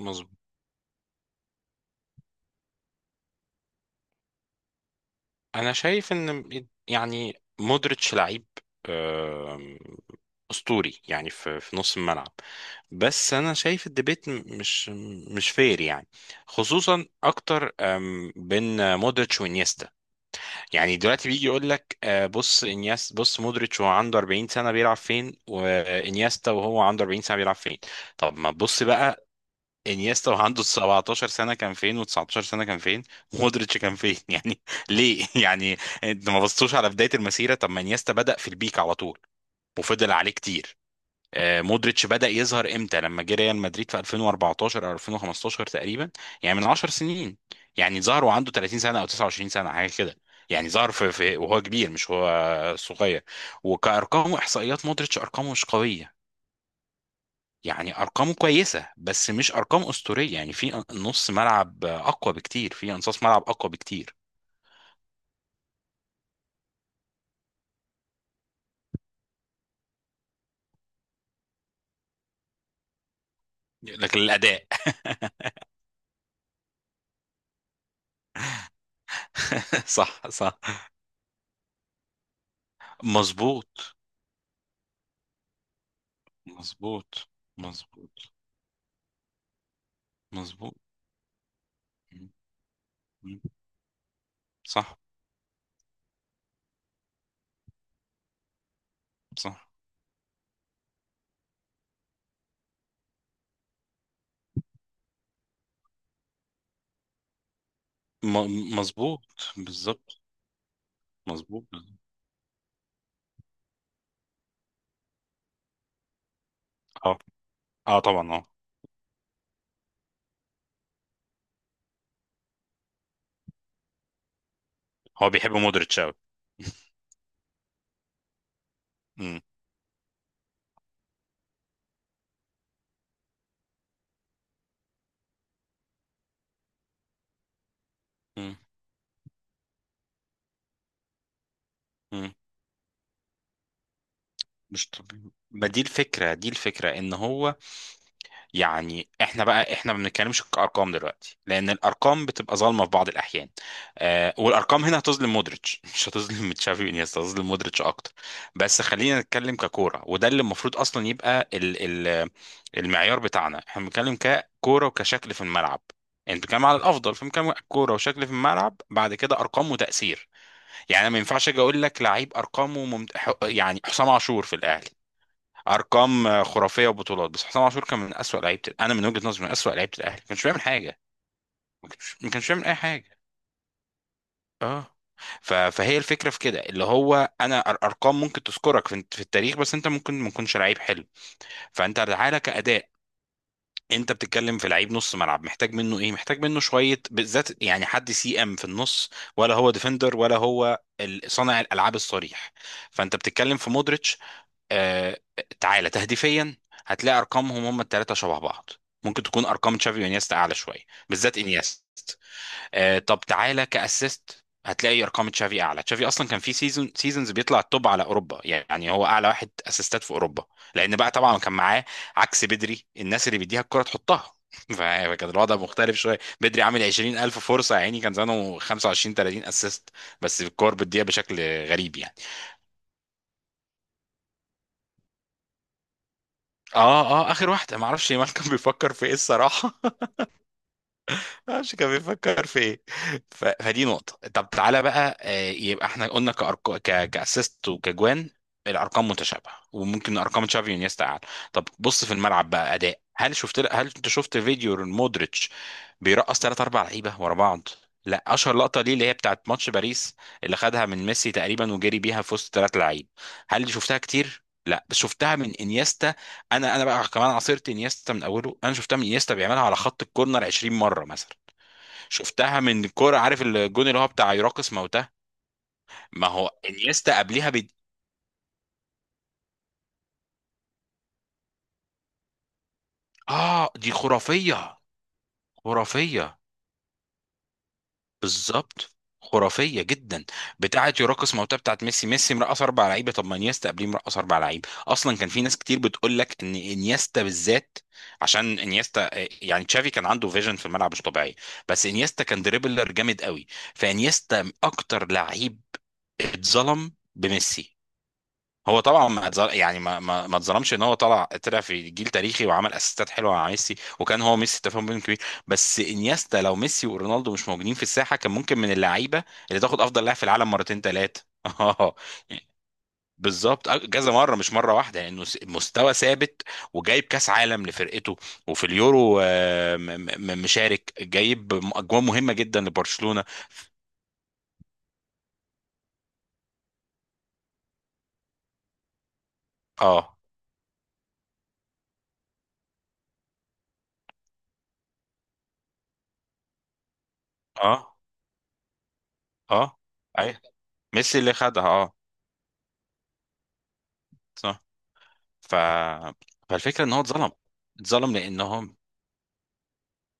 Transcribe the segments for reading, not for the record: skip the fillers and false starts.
مظبوط. انا شايف ان يعني مودريتش لعيب، آم، اسطوري يعني في نص الملعب. بس انا شايف الديبيت مش فير يعني، خصوصا اكتر بين مودريتش وانيستا. يعني دلوقتي بيجي يقول لك، بص انياس، بص مودريتش وهو عنده 40 سنه بيلعب فين، وانيستا وهو عنده 40 سنه بيلعب فين؟ طب ما تبص بقى انيستا وعنده 17 سنة كان فين، و19 سنة كان فين، مودريتش كان فين؟ يعني ليه يعني؟ انت ما بصتوش على بداية المسيرة؟ طب ما انيستا بدأ في البيك على طول وفضل عليه كتير. مودريتش بدأ يظهر امتى؟ لما جه ريال مدريد في 2014 او 2015 تقريبا، يعني من 10 سنين. يعني ظهر وعنده 30 سنة او 29 سنة حاجة كده. يعني ظهر في وهو كبير مش هو صغير. وكأرقام واحصائيات، مودريتش ارقامه مش قوية. يعني ارقامه كويسه بس مش ارقام اسطوريه، يعني في نص ملعب اقوى بكتير، في انصاص ملعب اقوى بكتير لكن الاداء. صح، صح. مظبوط، مظبوط، مظبوط، مظبوط. م- م- صح، صح. مظبوط. بالظبط. مظبوط. اه، اه طبعا، اه. هو بيحب مودريتش قوي. مم. مم. مم. مش طبيعي. ما دي الفكرة، دي الفكرة ان هو، يعني احنا بقى، احنا ما بنتكلمش كارقام دلوقتي، لان الارقام بتبقى ظالمه في بعض الاحيان. آه، والارقام هنا هتظلم مودريتش مش هتظلم تشافي وانيستا، هتظلم مودريتش اكتر. بس خلينا نتكلم ككوره، وده اللي المفروض اصلا يبقى ال المعيار بتاعنا، احنا بنتكلم ككوره وكشكل في الملعب. يعني انت بتتكلم على الافضل، فبنتكلم كوره وشكل في الملعب، بعد كده ارقام وتاثير. يعني انا ما ينفعش اجي اقول لك لعيب ارقامه يعني حسام عاشور في الاهلي، ارقام خرافيه وبطولات، بس حسام عاشور كان من اسوأ لعيبه، انا من وجهه نظري من اسوأ لعيبه الاهلي، ما كانش بيعمل حاجه. ما كانش بيعمل اي حاجه. اه. فهي الفكره في كده، اللي هو انا ارقام ممكن تذكرك في التاريخ، بس انت ممكن ما تكونش لعيب حلو. فانت تعالى كاداء. انت بتتكلم في لعيب نص ملعب، محتاج منه ايه؟ محتاج منه شويه بالذات. يعني حد سي ام في النص، ولا هو ديفندر، ولا هو ال- صانع الالعاب الصريح. فانت بتتكلم في مودريتش، آه، تعالى تهديفيا هتلاقي ارقامهم هم الثلاثه شبه بعض، ممكن تكون ارقام تشافي وانيستا اعلى شويه، بالذات انيستا. طب تعالى كاسيست هتلاقي ارقام تشافي اعلى. تشافي اصلا كان في سيزون سيزونز بيطلع التوب على اوروبا، يعني هو اعلى واحد اسيستات في اوروبا، لان بقى طبعا كان معاه عكس بدري الناس اللي بيديها الكره تحطها. فكان الوضع مختلف شويه. بدري عامل 20,000 فرصه يا عيني، كان زمانه 25 30 اسيست، بس الكور بتضيع بشكل غريب يعني. اه، اه، اخر واحده ما اعرفش مالكم بيفكر في ايه الصراحه. معرفش كان بيفكر في ايه. فدي نقطة. طب تعالى بقى، يبقى احنا قلنا كأسيست وكجوان، الأرقام متشابهة وممكن أرقام تشافي ونيستا أعلى. طب بص في الملعب بقى أداء. هل أنت شفت فيديو مودريتش بيرقص ثلاث أربع لعيبة ورا بعض؟ لا، أشهر لقطة ليه اللي هي بتاعت ماتش باريس، اللي خدها من ميسي تقريبا وجري بيها في وسط ثلاث لعيب. هل دي شفتها كتير؟ لا، بس شفتها من انيستا. انا بقى كمان عصرت انيستا من اوله، انا شفتها من انيستا بيعملها على خط الكورنر 20 مره مثلا. شفتها من كوره، عارف الجون اللي هو بتاع يراقص موتاه. ما هو انيستا قبليها. اه دي خرافيه. خرافيه. بالظبط. خرافيه جدا. بتاعه يراقص موتاه بتاعت ميسي، ميسي مرقص اربع لعيبه، طب ما انيستا قبليه مرقص اربع لعيبه. اصلا كان في ناس كتير بتقول لك ان انيستا بالذات، عشان انيستا يعني تشافي كان عنده فيجن في الملعب مش طبيعي، بس انيستا كان دريبلر جامد قوي. فانيستا اكتر لعيب اتظلم بميسي. هو طبعا ما اتظل- يعني ما اتظلمش، ان هو طلع، طلع في جيل تاريخي وعمل اسيستات حلوه مع ميسي، وكان هو ميسي تفاهم بينهم كبير. بس انيستا لو ميسي ورونالدو مش موجودين في الساحه، كان ممكن من اللعيبه اللي تاخد افضل لاعب في العالم مرتين ثلاثه. اه، بالظبط. كذا مره مش مره واحده، لانه مستوى ثابت، وجايب كاس عالم لفرقته، وفي اليورو مشارك جايب اجوان مهمه جدا لبرشلونه. اه، اه، اه، اي. ميسي اللي خدها اه. ف... فالفكره ان هو اتظلم. اتظلم لان هو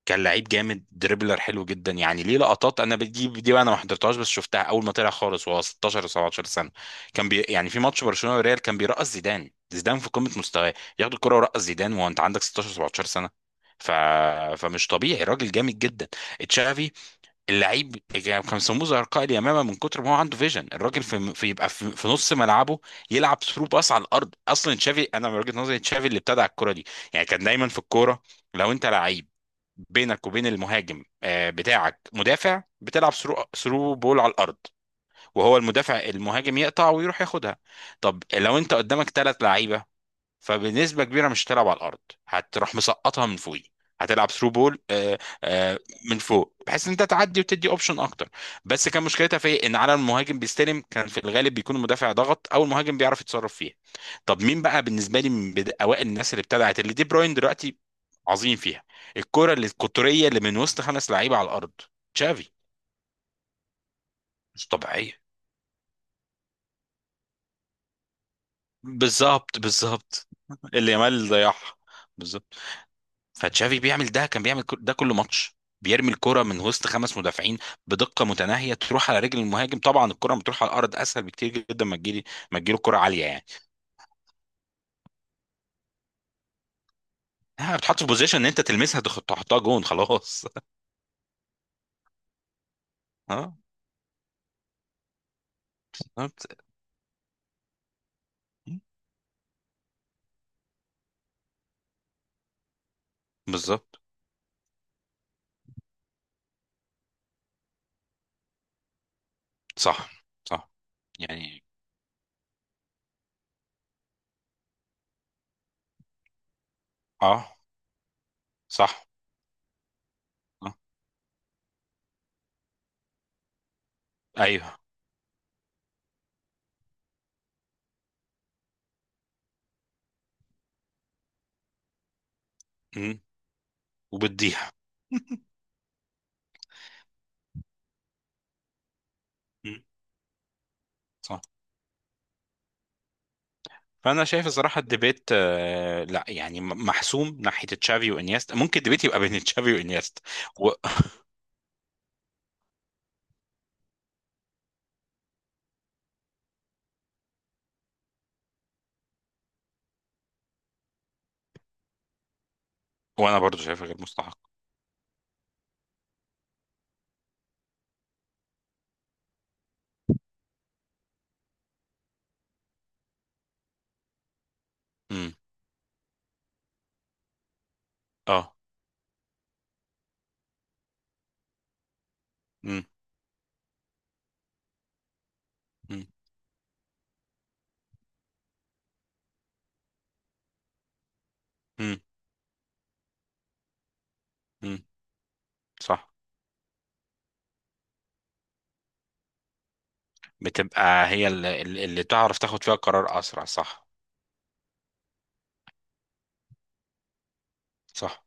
كان لعيب جامد، دريبلر حلو جدا. يعني ليه لقطات انا بدي دي بقى، انا ما حضرتهاش بس شفتها اول ما طلع خالص وهو 16 و17 سنه. كان يعني في ماتش برشلونه وريال كان بيرقص زيدان، زيدان في قمه مستواه ياخد الكره ويرقص زيدان وانت عندك 16 و17 سنه. ف... فمش طبيعي، راجل جامد جدا. تشافي اللعيب يعني كان بيسموه زي رقائق اليمامه من كتر ما هو عنده فيجن، الراجل في يبقى في نص ملعبه، يلعب ثرو باس على الارض. اصلا تشافي، انا من وجهه نظري تشافي اللي ابتدع الكره دي. يعني كان دايما في الكوره. لو انت لعيب بينك وبين المهاجم بتاعك مدافع، بتلعب ثرو بول على الارض، وهو المدافع المهاجم يقطع ويروح ياخدها. طب لو انت قدامك ثلاث لعيبه، فبنسبه كبيره مش هتلعب على الارض، هتروح مسقطها من فوقيه، هتلعب ثرو بول آه، من فوق، بحيث ان انت تعدي وتدي اوبشن اكتر. بس كان مشكلتها في إيه؟ ان على المهاجم بيستلم، كان في الغالب بيكون المدافع ضغط، او المهاجم بيعرف يتصرف فيها. طب مين بقى بالنسبه لي من اوائل الناس اللي ابتدعت اللي دي؟ بروين دلوقتي عظيم فيها، الكره اللي القطريه اللي من وسط خمس لعيبه على الارض. تشافي، مش طبيعيه. بالظبط، بالظبط. اللي يامال ضيعها. بالظبط. فتشافي بيعمل ده، كان بيعمل ده كل ماتش، بيرمي الكرة من وسط خمس مدافعين بدقة متناهية تروح على رجل المهاجم. طبعا الكرة بتروح على الأرض أسهل بكتير جدا، ما تجيلي، ما تجيله الكرة عالية يعني. بتحط في بوزيشن، إن أنت تلمسها تحطها جون خلاص. اه، بالظبط، بالظبط. صح، صح، يعني اه صح. آه. ايوه. مم. وبتضيع. مم. صح. فانا شايف الصراحه الديبيت آه لا يعني محسوم ناحيه تشافي وانيستا، ممكن الديبيت يبقى بين تشافي وانيستا. و... وانا برضو شايفها غير مستحق. امم، اه، امم، امم، امم، امم. صح، بتبقى هي اللي تعرف تاخد فيها قرار اسرع. صح، صح.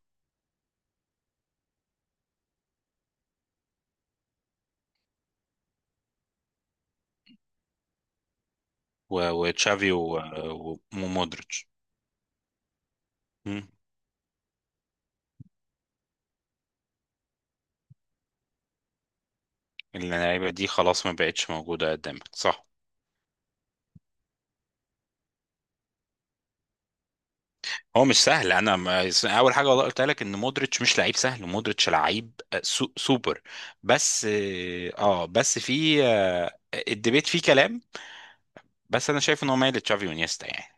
وتشافي ومودريتش. امم. اللعيبه دي خلاص ما بقتش موجوده قدامك. صح. هو مش سهل، انا ما اول حاجه والله قلت لك ان مودريتش مش لعيب سهل، مودريتش لعيب، سوبر، بس. اه بس في الديبيت فيه كلام، بس انا شايف ان هو مايل لتشافي ونيستا يعني.